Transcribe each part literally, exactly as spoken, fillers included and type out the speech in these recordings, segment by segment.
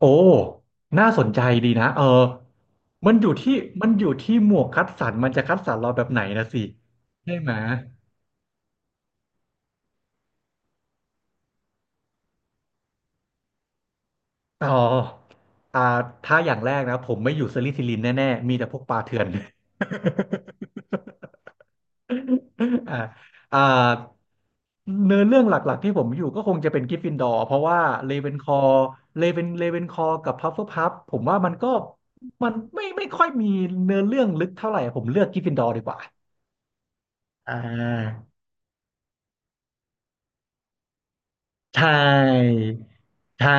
โอ้ น่าสนใจดีนะเออมันอยู่ที่มันอยู่ที่หมวกคัดสรรมันจะคัดสรรเราแบบไหนนะสิ ใช่ไหมอ๋ออ่าถ้าอย่างแรกนะ ผมไม่อยู่สลิธีรินแน่ๆ มีแต่พวกปลาเถื่อน อ่าอ่าเนื้อเรื่องหลักๆที่ผมอยู่ก็คงจะเป็นกริฟฟินดอร์เพราะว่าเลเวนคอร์เลเวนเลเวนคอร์กับพัฟเฟิลพัฟผมว่ามันก็มันไม่ไม่ค่อยมีเนื้อเรื่องลึกเท่าไหร่ผมเลือกกริฟฟินดอร์ดีกว่า อ่าใช่ใช่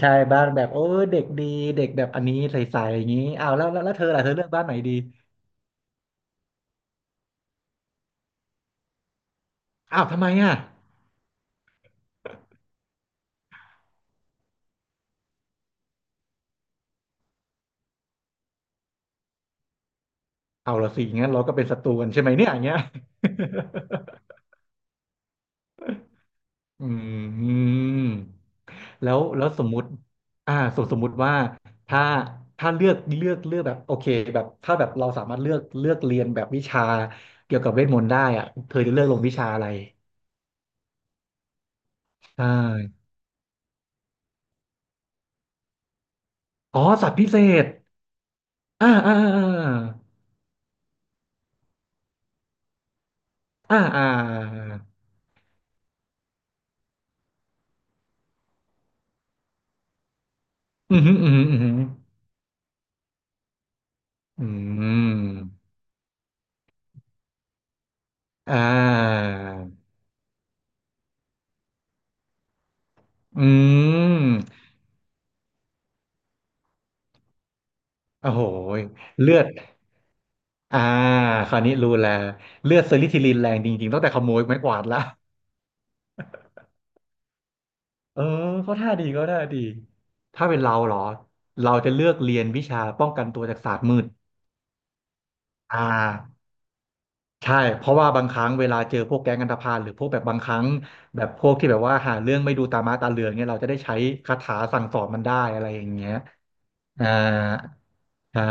ใช่บ้านแบบโอ้ยเด็กดีเด็กแบบอันนี้ใสๆอย่างนี้อ้าวแล้วแล้วแล้วเธอล่ะเธอเลือกบ้านไหนดีอ้าวทำไมอ่ะเอาละสิงั้นเราก็เป็นศัตรูกันใช่ไหมเนี่ยอย่างเงี้ย อืมแล้วแล้วสมมุติอ่าสมสมมุติว่าถ้าถ้าเลือกเลือกเลือกแบบโอเคแบบถ้าแบบเราสามารถเลือกเลือกเรียนแบบวิชาเกี่ยวกับเวทมนต์ได้อ่ะเธอจะเลือกลงวิชาอะไรใช่อ๋อสัตว์พิเศษ อ่าอ่าอ่าอ่าอ่าอืมอืมอืมอืมอ่าอืมโอ้โหเลือดอ่าคราวนี้รู้แล้วเลือดเซอร์ลิทิลินแรงจริงๆตั้งแต่ขโมยไม้กวาดละเออเขาท่าดีเขาท่าดีถ้าเป็นเราเหรอเราจะเลือกเรียนวิชาป้องกันตัวจากศาสตร์มืดอ่า ใช่เพราะว่าบางครั้งเวลาเจอพวกแก๊งอันธพาลหรือพวกแบบบางครั้งแบบพวกที่แบบว่าหาเรื่องไม่ดูตาม้าตาเรือเนี่ยเราจะได้ใช้คาถาสั่งสอนมันได้อะไรอย่างเงี้ยอ่าใช่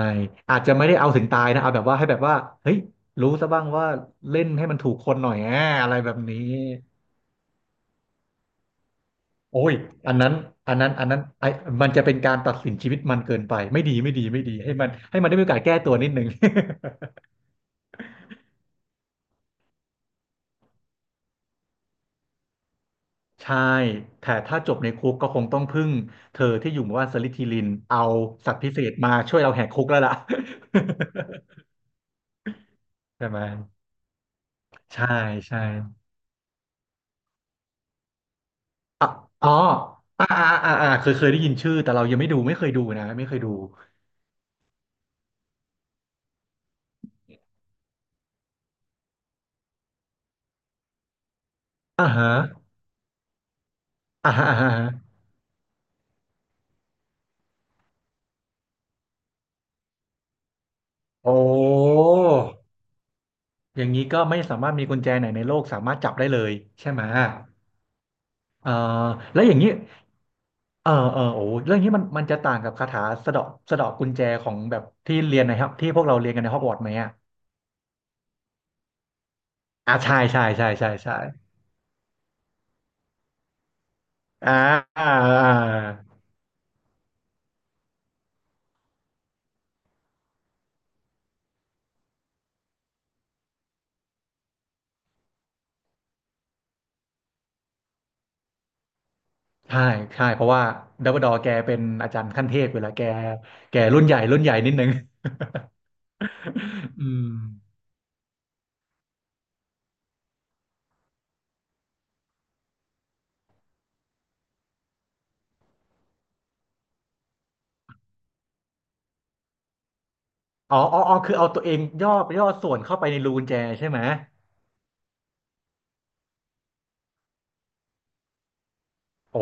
อาจจะไม่ได้เอาถึงตายนะเอาแบบว่าให้แบบว่าเฮ้ยรู้ซะบ้างว่าเล่นให้มันถูกคนหน่อยอ่ะอะไรแบบนี้โอ้ยอันนั้นอันนั้นอันนั้นไอ้มันจะเป็นการตัดสินชีวิตมันเกินไปไม่ดีไม่ดีไม่ดีให้มันให้มันได้มีโอกาสแก้ตัวนิดนึง ใช่แต่ถ้าจบในคุกก็คงต้องพึ่งเธอที่อยู่หมู่บ้านสลิธีรินเอาสัตว์พิเศษมาช่วยเราแหกคุกแล้วล่ะ ใช่ไหมใช่ใช่อ๋ออ่าอ่าอ่าอ่าเคยเคยได้ยินชื่อแต่เรายังไม่ดูไม่เคยดูนะไม่เคยดูอ่าฮะอ่าฮะอ่าฮะโอ้อย่างนี้ก็ไม่สามารถมีกุญแจไหนในโลกสามารถจับได้เลยใช่ไหมเอ่อแล้วอย่างนี้ เออเออโอ้เรื่องนี้มันมันจะต่างกับคาถาสะเดาะสะเดาะกุญแจของแบบที่เรียนในฮอกที่พวกเราเรียนกันในฮอกวอตส์ไหมอ่ะอ่าใช่ใช่ใช่ใช่ใช่อ่าอ่าอ่าใช่ใช่เพราะว่าดัมเบิลดอร์แกเป็นอาจารย์ขั้นเทพเวลาแกแกรุ่นใหญ่รุ่นใหญ่นิดนึง อืมอ๋ออ๋ออ๋อคือเอาตัวเองย่อย่อส่วนเข้าไปในรูกุญแจใช่ไหม โอ้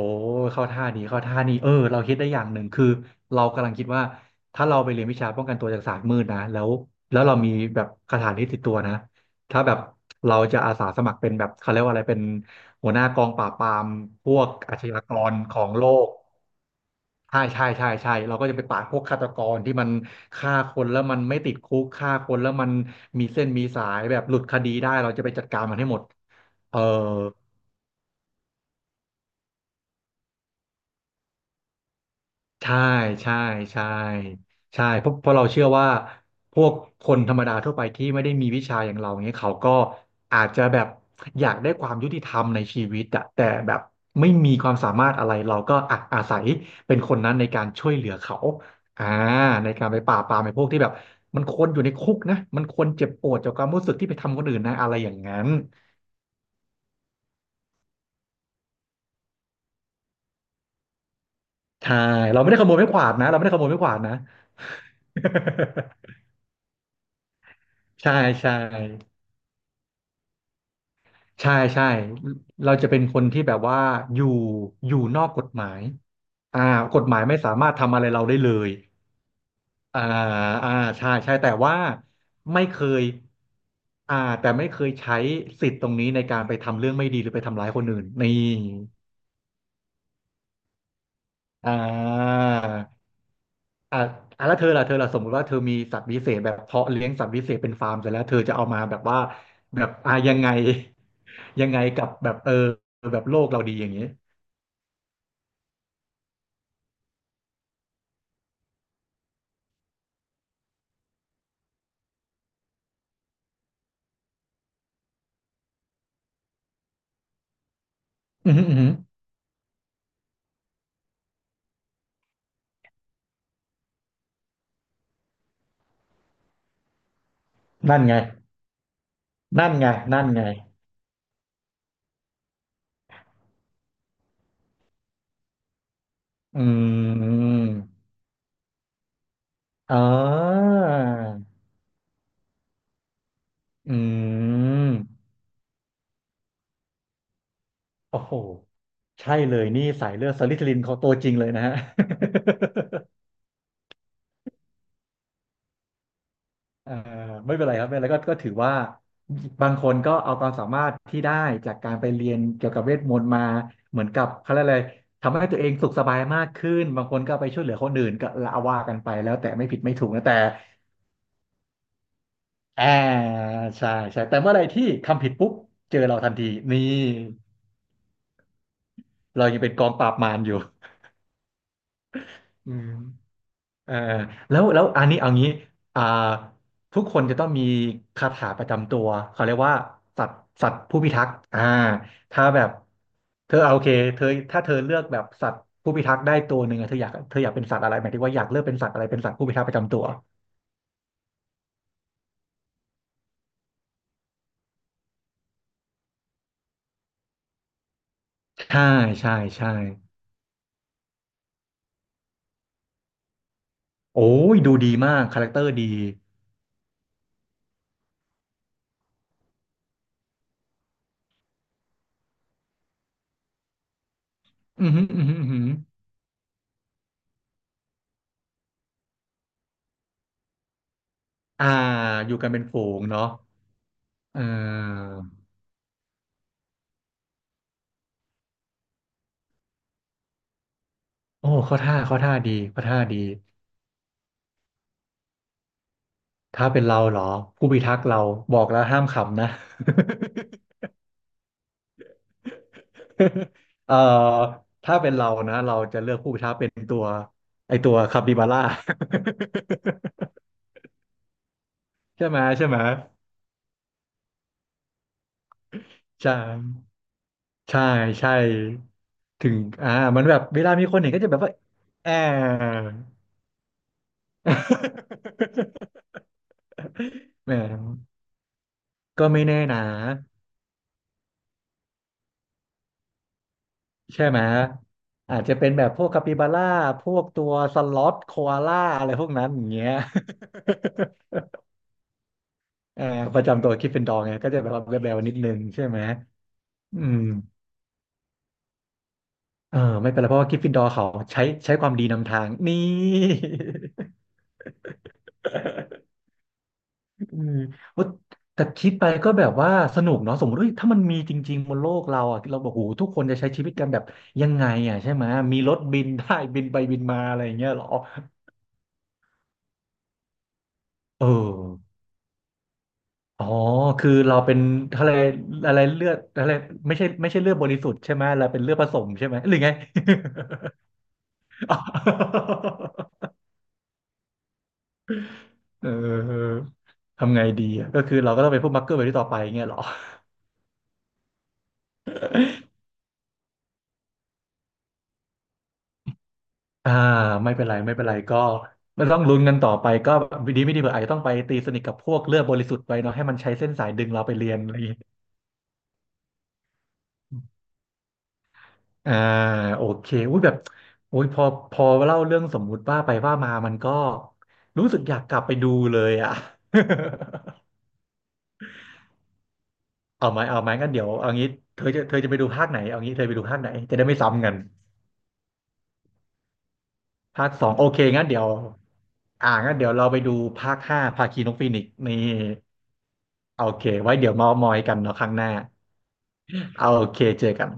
เข้าท่านี้เข้าท่านี้เออเราคิดได้อย่างหนึ่งคือเรากำลังคิดว่าถ้าเราไปเรียนวิชาป้องกันตัวจากศาสตร์มืดนะแล้วแล้วเรามีแบบคาถานี้ติดตัวนะถ้าแบบเราจะอาสาสมัครเป็นแบบเขาเรียกว่าอะไรเป็นหัวหน้ากองปราบปรามพวกอาชญากรของโลกใช่ใช่ใช่ใช่เราก็จะไปปราบพวกฆาตกรที่มันฆ่าคนแล้วมันไม่ติดคุกฆ่าคนแล้วมันมีเส้นมีสายแบบหลุดคดีได้เราจะไปจัดการมันให้หมดเออ ใช่ใช่ใช่ใช่เพราะเพราะเราเชื่อว่าพวกคนธรรมดาทั่วไปที่ไม่ได้มีวิชาอย่างเราเนี้ยเขาก็อาจจะแบบอยากได้ความยุติธรรมในชีวิตอะแต่แบบไม่มีความสามารถอะไรเราก็อ่ะอาศัยเป็นคนนั้นในการช่วยเหลือเขาอ่าในการไปปราบปรามไอ้พวกที่แบบมันควรอยู่ในคุกนะมันควรเจ็บปวดจากความรู้สึกที่ไปทำคนอื่นนะอะไรอย่างนั้นใช่เราไม่ได้ขโมยไม้กวาดนะเราไม่ได้ขโมยไม้กวาดนะ ใช่ใช่ ใช่ใช่ เราจะเป็นคนที่แบบว่าอยู่อยู่นอกกฎหมายอ่ากฎหมายไม่สามารถทำอะไรเราได้เลยอ่าอ่าใช่ใช่แต่ว่าไม่เคยอ่าแต่ไม่เคยใช้สิทธิ์ตรงนี้ในการไปทำเรื่องไม่ดีหรือไปทำร้ายคนอื่นนี่อ่าอ่าอ่าแล้วเธอล่ะเธอล่ะสมมติว่าเธอมีสัตว์วิเศษแบบเพาะเลี้ยงสัตว์วิเศษเป็นฟาร์มเสร็จแล้วเธอจะเอามาแบบว่าแบบอ่ายังไง ยังไงกับแบบเออแบบโลกเราดีอย่างนี้อืมอหืม นั่นไงนั่นไงนั่นไงอืมอ๋ออืมโอ้โห ใช่เลยนี่สายเลือดสลิธีรินเขาตัวจริงเลยนะฮะ เอ่อไม่เป็นไรครับไม่เป็นไรก็ก็ถือว่าบางคนก็เอาความสามารถที่ได้จากการไปเรียนเกี่ยวกับเวทมนต์มาเหมือนกับเขาเรียกอะไรทำให้ตัวเองสุขสบายมากขึ้นบางคนก็เอาไปช่วยเหลือคนอื่นก็ละว่ากันไปแล้วแต่ไม่ผิดไม่ถูกนะแต่ อ่าใช่ใช่แต่เมื่อไหร่ที่ทำผิดปุ๊บเจอเราทันทีนี่เรายังเป็นกองปราบมารอยู่อืมเออแล้วแล้วอันนี้เอางี้อ่าทุกคนจะต้องมีคาถาประจำตัวเขาเรียกว่าสัตว์สัตว์ผู้พิทักษ์อ่าถ้าแบบเธอเอาโอเคเธอถ้าเธอเลือกแบบสัตว์ผู้พิทักษ์ได้ตัวหนึ่งอะเธออยากเธออยากเป็นสัตว์อะไรหมายถึงว่าอยากเลือกเป็นสัตว์อะไรเป็นสัตว์ผู้พิทักษ์ประจำตัวใช่ใช่ใช่โอ้ยดูดีมากคาแรคเตอร์ดีอือหืออือหืออือหือ อ่าอยู่กันเป็นฝูงเนาะเออโอ้เข้อท่าเข้อท่าดีเข้อท่าดีถ้าเป็นเราเหรอผู้พิทักษ์เราบอกแล้วห้ามขำนะ เอ่อถ้าเป็นเรานะเราจะเลือกผู้พิทักษ์เป็นตัวไอตัวคาปิบาร่า ใช่ไหมใช่ไหมใช่ใช่ใช่ถึงอ่ามันแบบเวลามีคนเห็นก็จะแบบว่าแอบ แหมก็ไม่แน่นะ ใช่ไหมอาจจะเป็นแบบพวกคาปิบาร่าพวกตัวสล็อตโคอาล่าอะไรพวกนั้นอย่างเงี้ย เอ่อประจำตัวกริฟฟินดอร์ไงก็จะแบบว่าแบวๆนิดนึงใช่ไหมอืมเออไม่เป็นไรเพราะว่ากริฟฟินดอร์เขาใช้ใช้ความดีนำทางนี่ อืมโอ๊ยแต่คิดไปก็แบบว่าสนุกเนาะสมมติเอ้ยถ้ามันมีจริงๆบนโลกเราอ่ะเราบอกโหทุกคนจะใช้ชีวิตกันแบบยังไงอ่ะใช่ไหมมีรถบิน ได้บินไปบินมาอะไรอย่างเงี้ยเหรอเออ อ๋อคือเราเป็นอะไรอะไรเลือดอะไรไม่ใช่ไม่ใช่เลือดบริสุทธิ์ใช่ไหมเราเป็นเลือดผสมใช่ไหมหรือไง อ๋อ เออทำไงดีอะก็คือเราก็ต้องเป็นผู้มักเกอร์ไปที่ต่อไปเงี้ยเหรออ่าไม่เป็นไรไม่เป็นไรก็ไม่ต้องลุ้นกันต่อไปก็ดีไม่ดีเผื่ออาจจะต้องไปตีสนิทกับพวกเลือดบริสุทธิ์ไปเนาะให้มันใช้เส้นสายดึงเราไปเรียนอะไรอย่างเงี้ย อ่าโอเคอุ้ยแบบอุ้ยพอพอเล่าเรื่องสมมุติว่าไปว่ามามันก็รู้สึกอยากกลับไปดูเลยอ่ะ เอาไหมเอาไหมงั้นเดี๋ยวเอางี้เธอจะเธอจะไปดูภาคไหนเอางี้เธอไปดูภาคไหนจะได้ไม่ซ้ำกันภาคสองโอเคงั้นเดี๋ยวอ่างั้นเดี๋ยวเราไปดูภาคห้าภาคีนกฟีนิกซ์นี่โอเคไว้เดี๋ยวเมามอยกันเนาะครั้งหน้า เอาโอเคเจอกัน